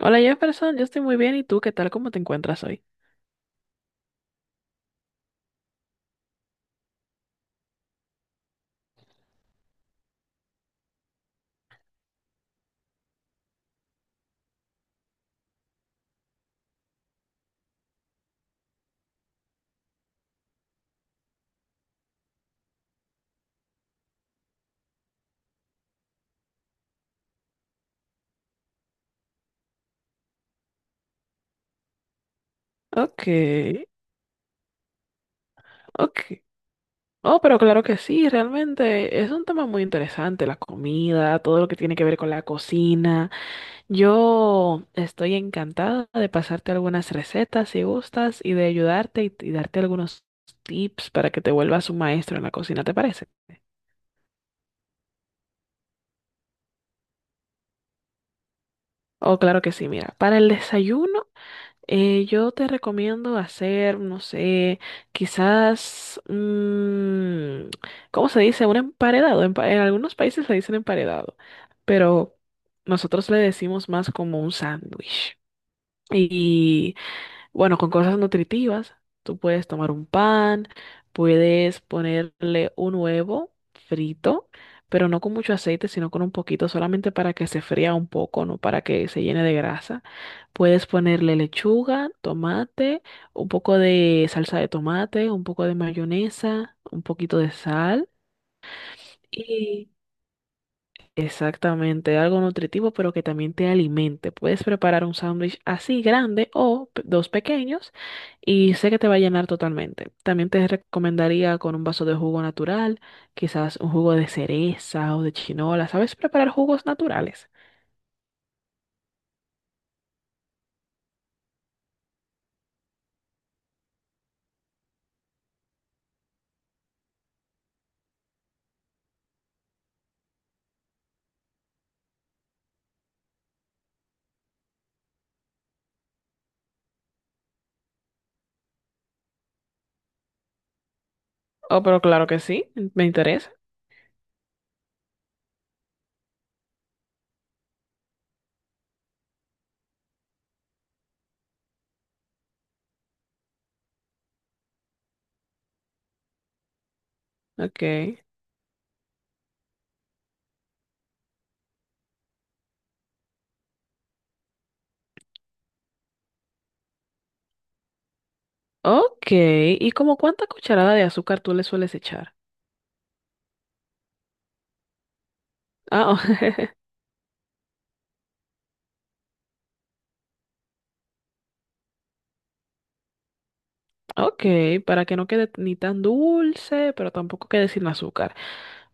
Hola Jefferson, yo estoy muy bien. ¿Y tú qué tal? ¿Cómo te encuentras hoy? Ok, ok. Oh, pero claro que sí, realmente es un tema muy interesante, la comida, todo lo que tiene que ver con la cocina. Yo estoy encantada de pasarte algunas recetas si gustas y de ayudarte y darte algunos tips para que te vuelvas un maestro en la cocina, ¿te parece? Oh, claro que sí, mira, para el desayuno. Yo te recomiendo hacer, no sé, quizás, mm, ¿cómo se dice? Un emparedado. Algunos países le dicen emparedado, pero nosotros le decimos más como un sándwich. Bueno, con cosas nutritivas, tú puedes tomar un pan, puedes ponerle un huevo frito, pero no con mucho aceite, sino con un poquito, solamente para que se fría un poco, no para que se llene de grasa. Puedes ponerle lechuga, tomate, un poco de salsa de tomate, un poco de mayonesa, un poquito de sal. Exactamente, algo nutritivo pero que también te alimente. Puedes preparar un sándwich así grande o dos pequeños y sé que te va a llenar totalmente. También te recomendaría con un vaso de jugo natural, quizás un jugo de cereza o de chinola. ¿Sabes preparar jugos naturales? Oh, pero claro que sí, me interesa. Ok. Ok, ¿y como cuánta cucharada de azúcar tú le sueles echar? Ah, oh. Ok, para que no quede ni tan dulce, pero tampoco quede sin azúcar.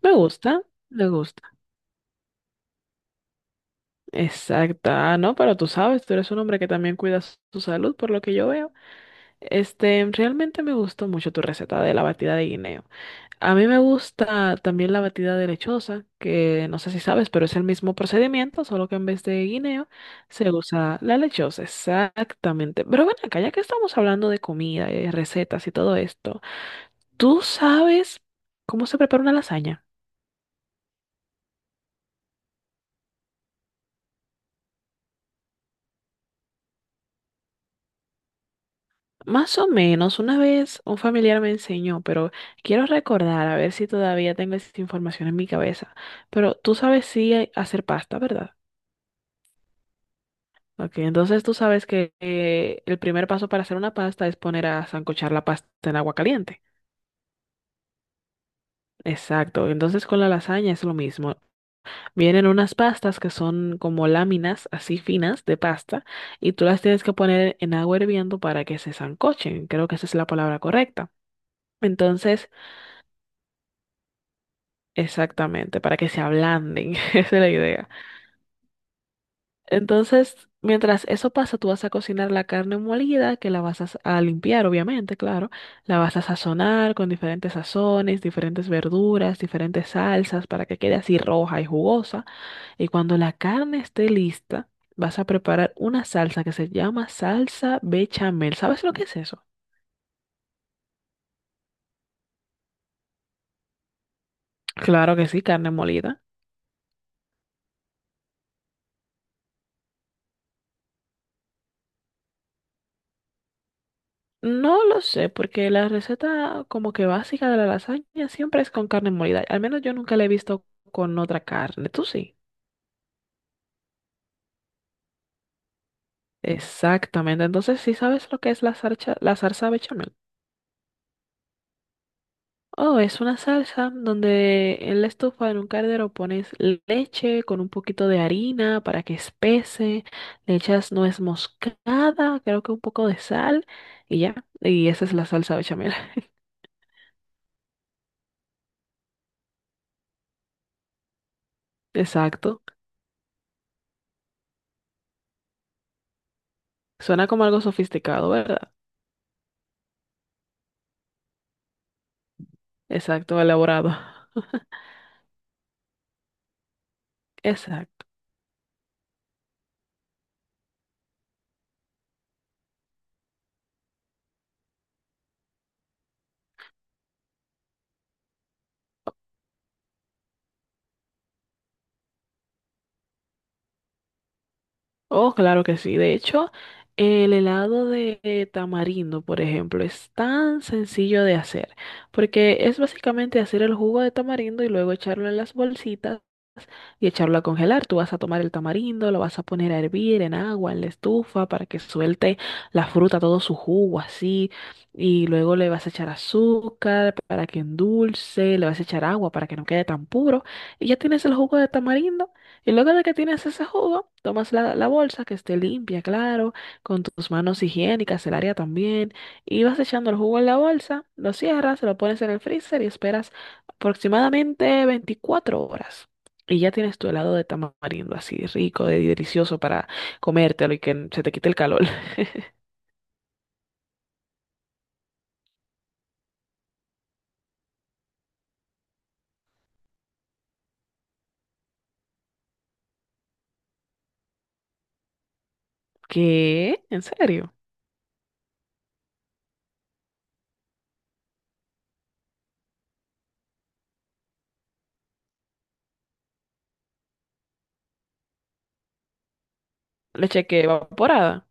Me gusta, me gusta. Exacto. Ah, no, pero tú sabes, tú eres un hombre que también cuida su salud, por lo que yo veo. Este, realmente me gustó mucho tu receta de la batida de guineo. A mí me gusta también la batida de lechosa, que no sé si sabes, pero es el mismo procedimiento, solo que en vez de guineo se usa la lechosa. Exactamente. Pero ven acá, ya que estamos hablando de comida y recetas y todo esto. ¿Tú sabes cómo se prepara una lasaña? Más o menos, una vez un familiar me enseñó, pero quiero recordar a ver si todavía tengo esa información en mi cabeza. Pero tú sabes hacer pasta, ¿verdad? Ok, entonces tú sabes que el primer paso para hacer una pasta es poner a sancochar la pasta en agua caliente. Exacto, entonces con la lasaña es lo mismo. Vienen unas pastas que son como láminas así finas de pasta y tú las tienes que poner en agua hirviendo para que se sancochen. Creo que esa es la palabra correcta. Entonces, exactamente, para que se ablanden. Esa es la idea. Entonces, mientras eso pasa, tú vas a cocinar la carne molida, que la vas a, a limpiar, obviamente, claro. La vas a sazonar con diferentes sazones, diferentes verduras, diferentes salsas para que quede así roja y jugosa. Y cuando la carne esté lista, vas a preparar una salsa que se llama salsa bechamel. ¿Sabes lo que es eso? Claro que sí, carne molida. No lo sé, porque la receta como que básica de la lasaña siempre es con carne molida. Al menos yo nunca la he visto con otra carne. Tú sí. Exactamente. Entonces, ¿sí sabes lo que es la salsa bechamel? Oh, es una salsa donde en la estufa, en un caldero, pones leche con un poquito de harina para que espese, le echas nuez moscada, creo que un poco de sal y ya. Y esa es la salsa bechamel. Exacto. Suena como algo sofisticado, ¿verdad? Exacto, elaborado. Exacto. Oh, claro que sí. De hecho, el helado de tamarindo, por ejemplo, es tan sencillo de hacer, porque es básicamente hacer el jugo de tamarindo y luego echarlo en las bolsitas y echarlo a congelar. Tú vas a tomar el tamarindo, lo vas a poner a hervir en agua, en la estufa, para que suelte la fruta, todo su jugo así, y luego le vas a echar azúcar para que endulce, le vas a echar agua para que no quede tan puro, y ya tienes el jugo de tamarindo. Y luego de que tienes ese jugo, tomas la bolsa que esté limpia, claro, con tus manos higiénicas, el área también, y vas echando el jugo en la bolsa, lo cierras, lo pones en el freezer y esperas aproximadamente 24 horas. Y ya tienes tu helado de tamarindo así rico, de delicioso para comértelo y que se te quite el calor. ¿Qué? ¿En serio? Leche que evaporada.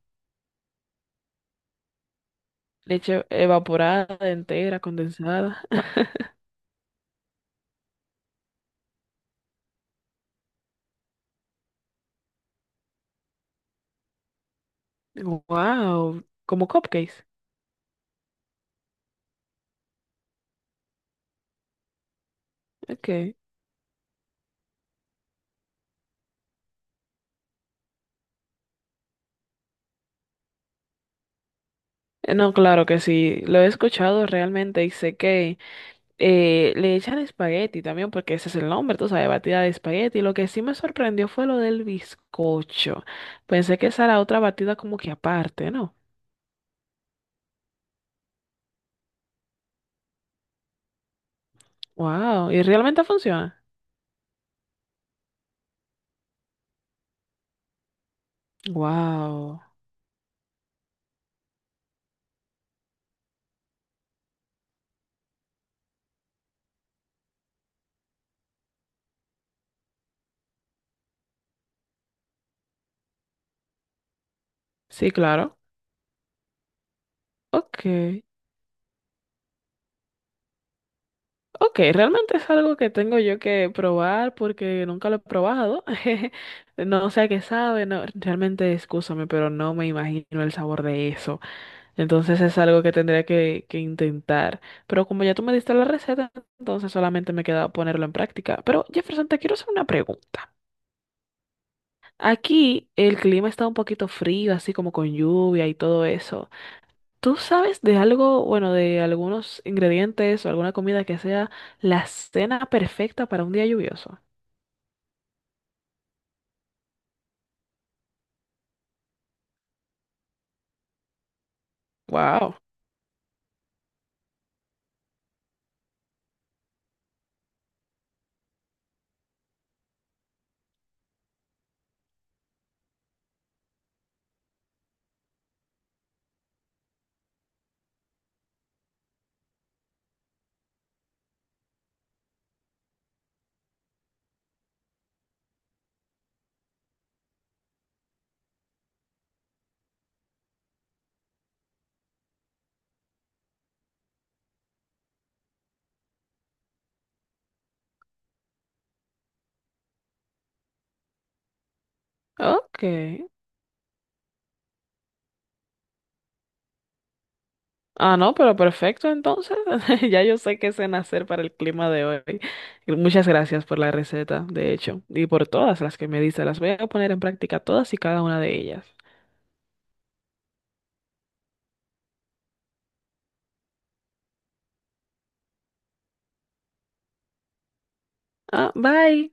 Leche evaporada entera, condensada. Wow, como cupcakes. Ok. No, claro que sí, lo he escuchado realmente y sé que le echan espagueti también porque ese es el nombre, tú sabes, batida de espagueti. Lo que sí me sorprendió fue lo del bizcocho. Pensé que esa era otra batida como que aparte, ¿no? Wow, ¿y realmente funciona? Wow, sí, claro. Ok, ok, realmente es algo que tengo yo que probar porque nunca lo he probado. No sé a qué sabe, no, realmente, excúsame, pero no me imagino el sabor de eso. Entonces es algo que tendría que intentar. Pero como ya tú me diste la receta, entonces solamente me queda ponerlo en práctica. Pero Jefferson, te quiero hacer una pregunta. Aquí el clima está un poquito frío, así como con lluvia y todo eso. ¿Tú sabes de algo, bueno, de algunos ingredientes o alguna comida que sea la cena perfecta para un día lluvioso? Wow. Ok. Ah, no, pero perfecto, entonces. Ya yo sé qué cena hacer para el clima de hoy. Muchas gracias por la receta, de hecho, y por todas las que me diste. Las voy a poner en práctica todas y cada una de ellas. Ah, bye.